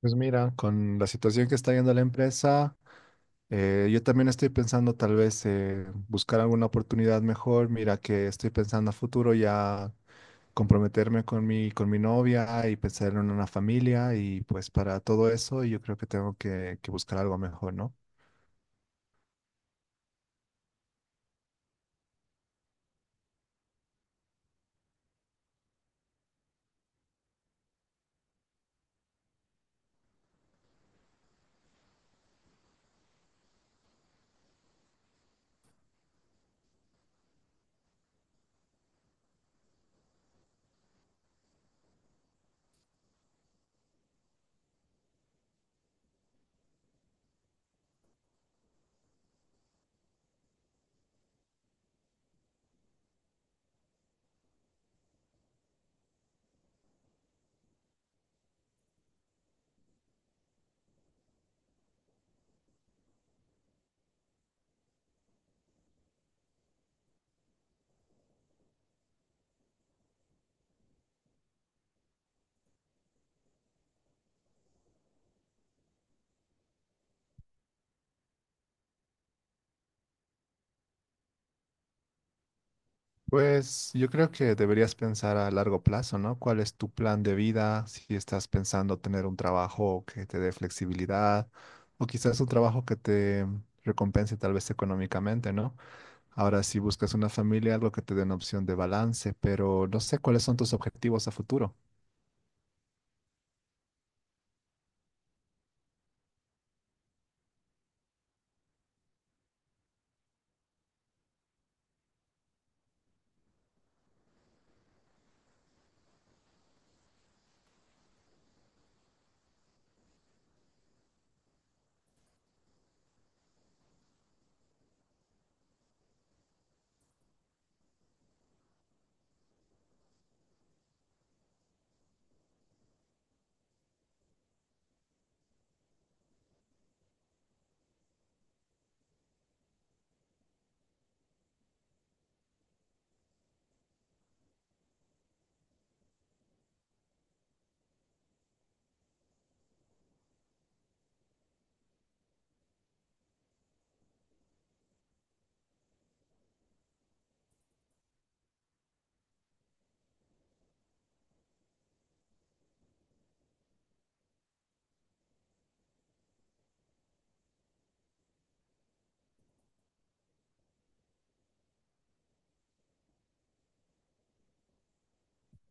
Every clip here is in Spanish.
Pues mira, con la situación que está viendo la empresa, yo también estoy pensando tal vez buscar alguna oportunidad mejor. Mira que estoy pensando a futuro ya comprometerme con mi novia y pensar en una familia y pues para todo eso yo creo que que buscar algo mejor, ¿no? Pues yo creo que deberías pensar a largo plazo, ¿no? ¿Cuál es tu plan de vida? Si estás pensando tener un trabajo que te dé flexibilidad o quizás un trabajo que te recompense tal vez económicamente, ¿no? Ahora, si buscas una familia, algo que te dé una opción de balance, pero no sé cuáles son tus objetivos a futuro.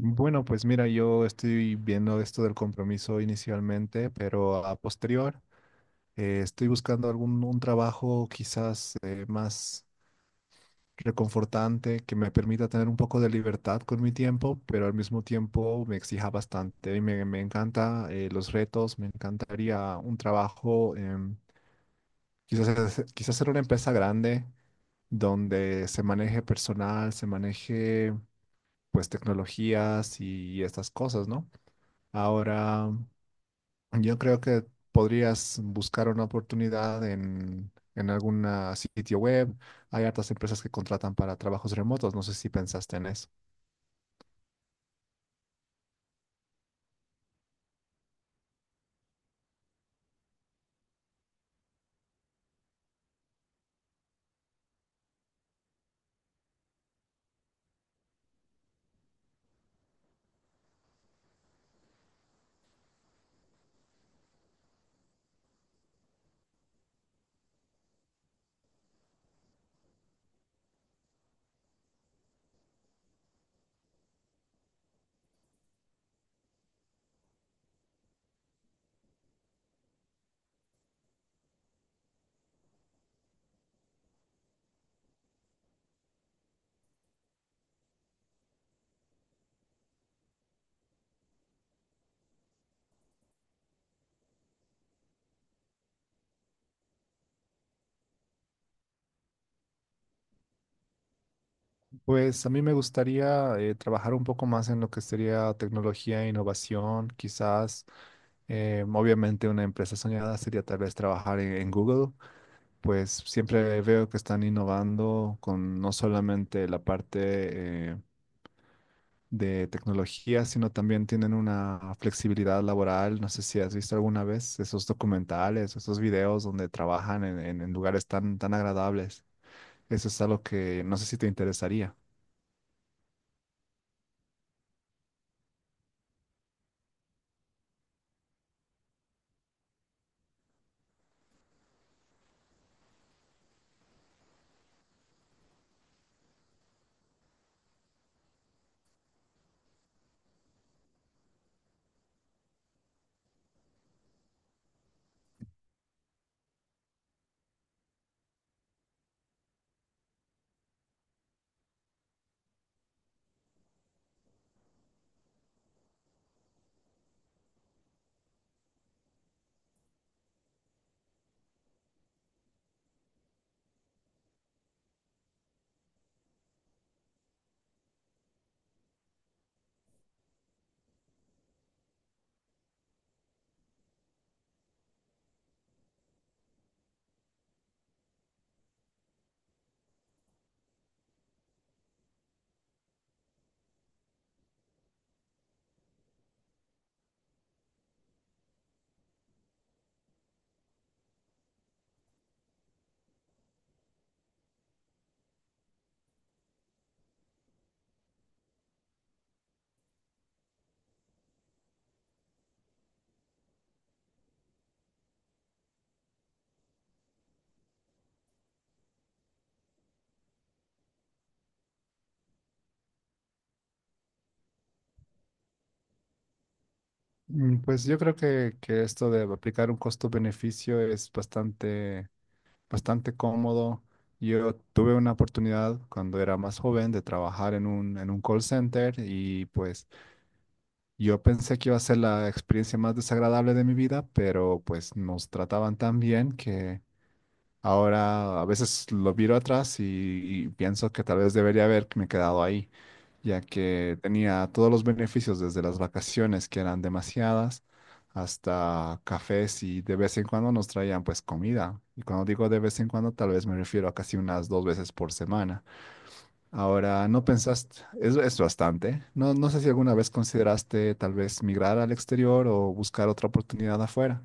Bueno, pues mira, yo estoy viendo esto del compromiso inicialmente, pero a posterior estoy buscando algún un trabajo quizás más reconfortante, que me permita tener un poco de libertad con mi tiempo, pero al mismo tiempo me exija bastante. Y me encanta los retos, me encantaría un trabajo, quizás, quizás ser una empresa grande donde se maneje personal, se maneje pues tecnologías y, estas cosas, ¿no? Ahora... Yo creo que podrías buscar una oportunidad en algún sitio web. Hay hartas empresas que contratan para trabajos remotos. No sé si pensaste en eso. Pues a mí me gustaría trabajar un poco más en lo que sería tecnología e innovación. Quizás, obviamente, una empresa soñada sería tal vez trabajar en Google. Pues siempre veo que están innovando con no solamente la parte... de tecnología, sino también tienen una flexibilidad laboral. No sé si has visto alguna vez esos documentales, esos videos donde trabajan en lugares tan, tan agradables. Eso es algo que no sé si te interesaría. Mm, pues yo creo que esto de aplicar un costo-beneficio es bastante, bastante cómodo. Yo tuve una oportunidad cuando era más joven de trabajar en en un call center y pues yo pensé que iba a ser la experiencia más desagradable de mi vida, pero pues nos trataban tan bien que ahora a veces lo miro atrás y pienso que tal vez debería haberme quedado ahí, ya que tenía todos los beneficios desde las vacaciones, que eran demasiadas, hasta cafés y de vez en cuando nos traían pues comida. Y cuando digo de vez en cuando, tal vez me refiero a casi unas 2 veces por semana. Ahora, ¿no pensaste? Es bastante. No sé si alguna vez consideraste tal vez migrar al exterior o buscar otra oportunidad afuera.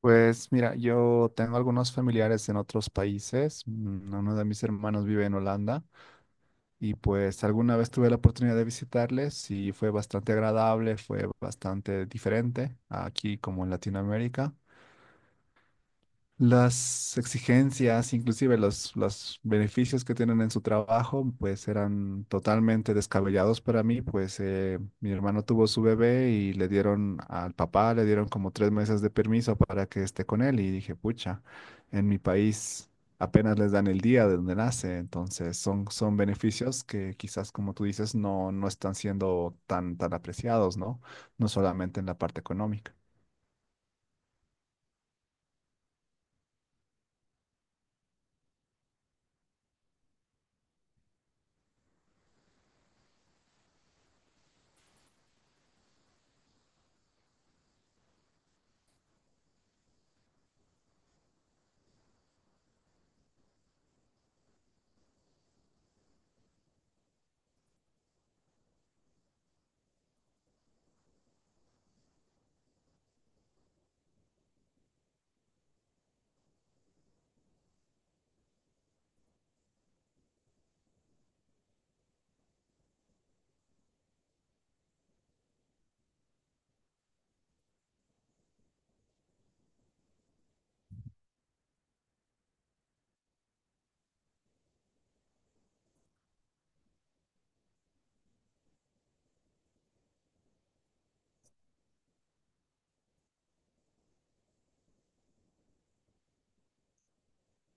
Pues mira, yo tengo algunos familiares en otros países. Mm, uno de mis hermanos vive en Holanda y pues alguna vez tuve la oportunidad de visitarles y fue bastante agradable, fue bastante diferente aquí como en Latinoamérica. Las exigencias, inclusive los beneficios que tienen en su trabajo, pues eran totalmente descabellados para mí, pues mi hermano tuvo su bebé y le dieron al papá, le dieron como 3 meses de permiso para que esté con él y dije, pucha, en mi país apenas les dan el día de donde nace, entonces son beneficios que quizás, como tú dices, no están siendo tan, tan apreciados, ¿no? No solamente en la parte económica.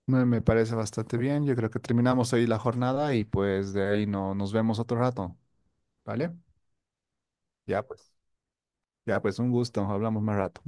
Me parece bastante bien. Yo creo que terminamos ahí la jornada y pues de ahí no, nos vemos otro rato, ¿vale? Ya pues, ya pues, un gusto. Hablamos más rato.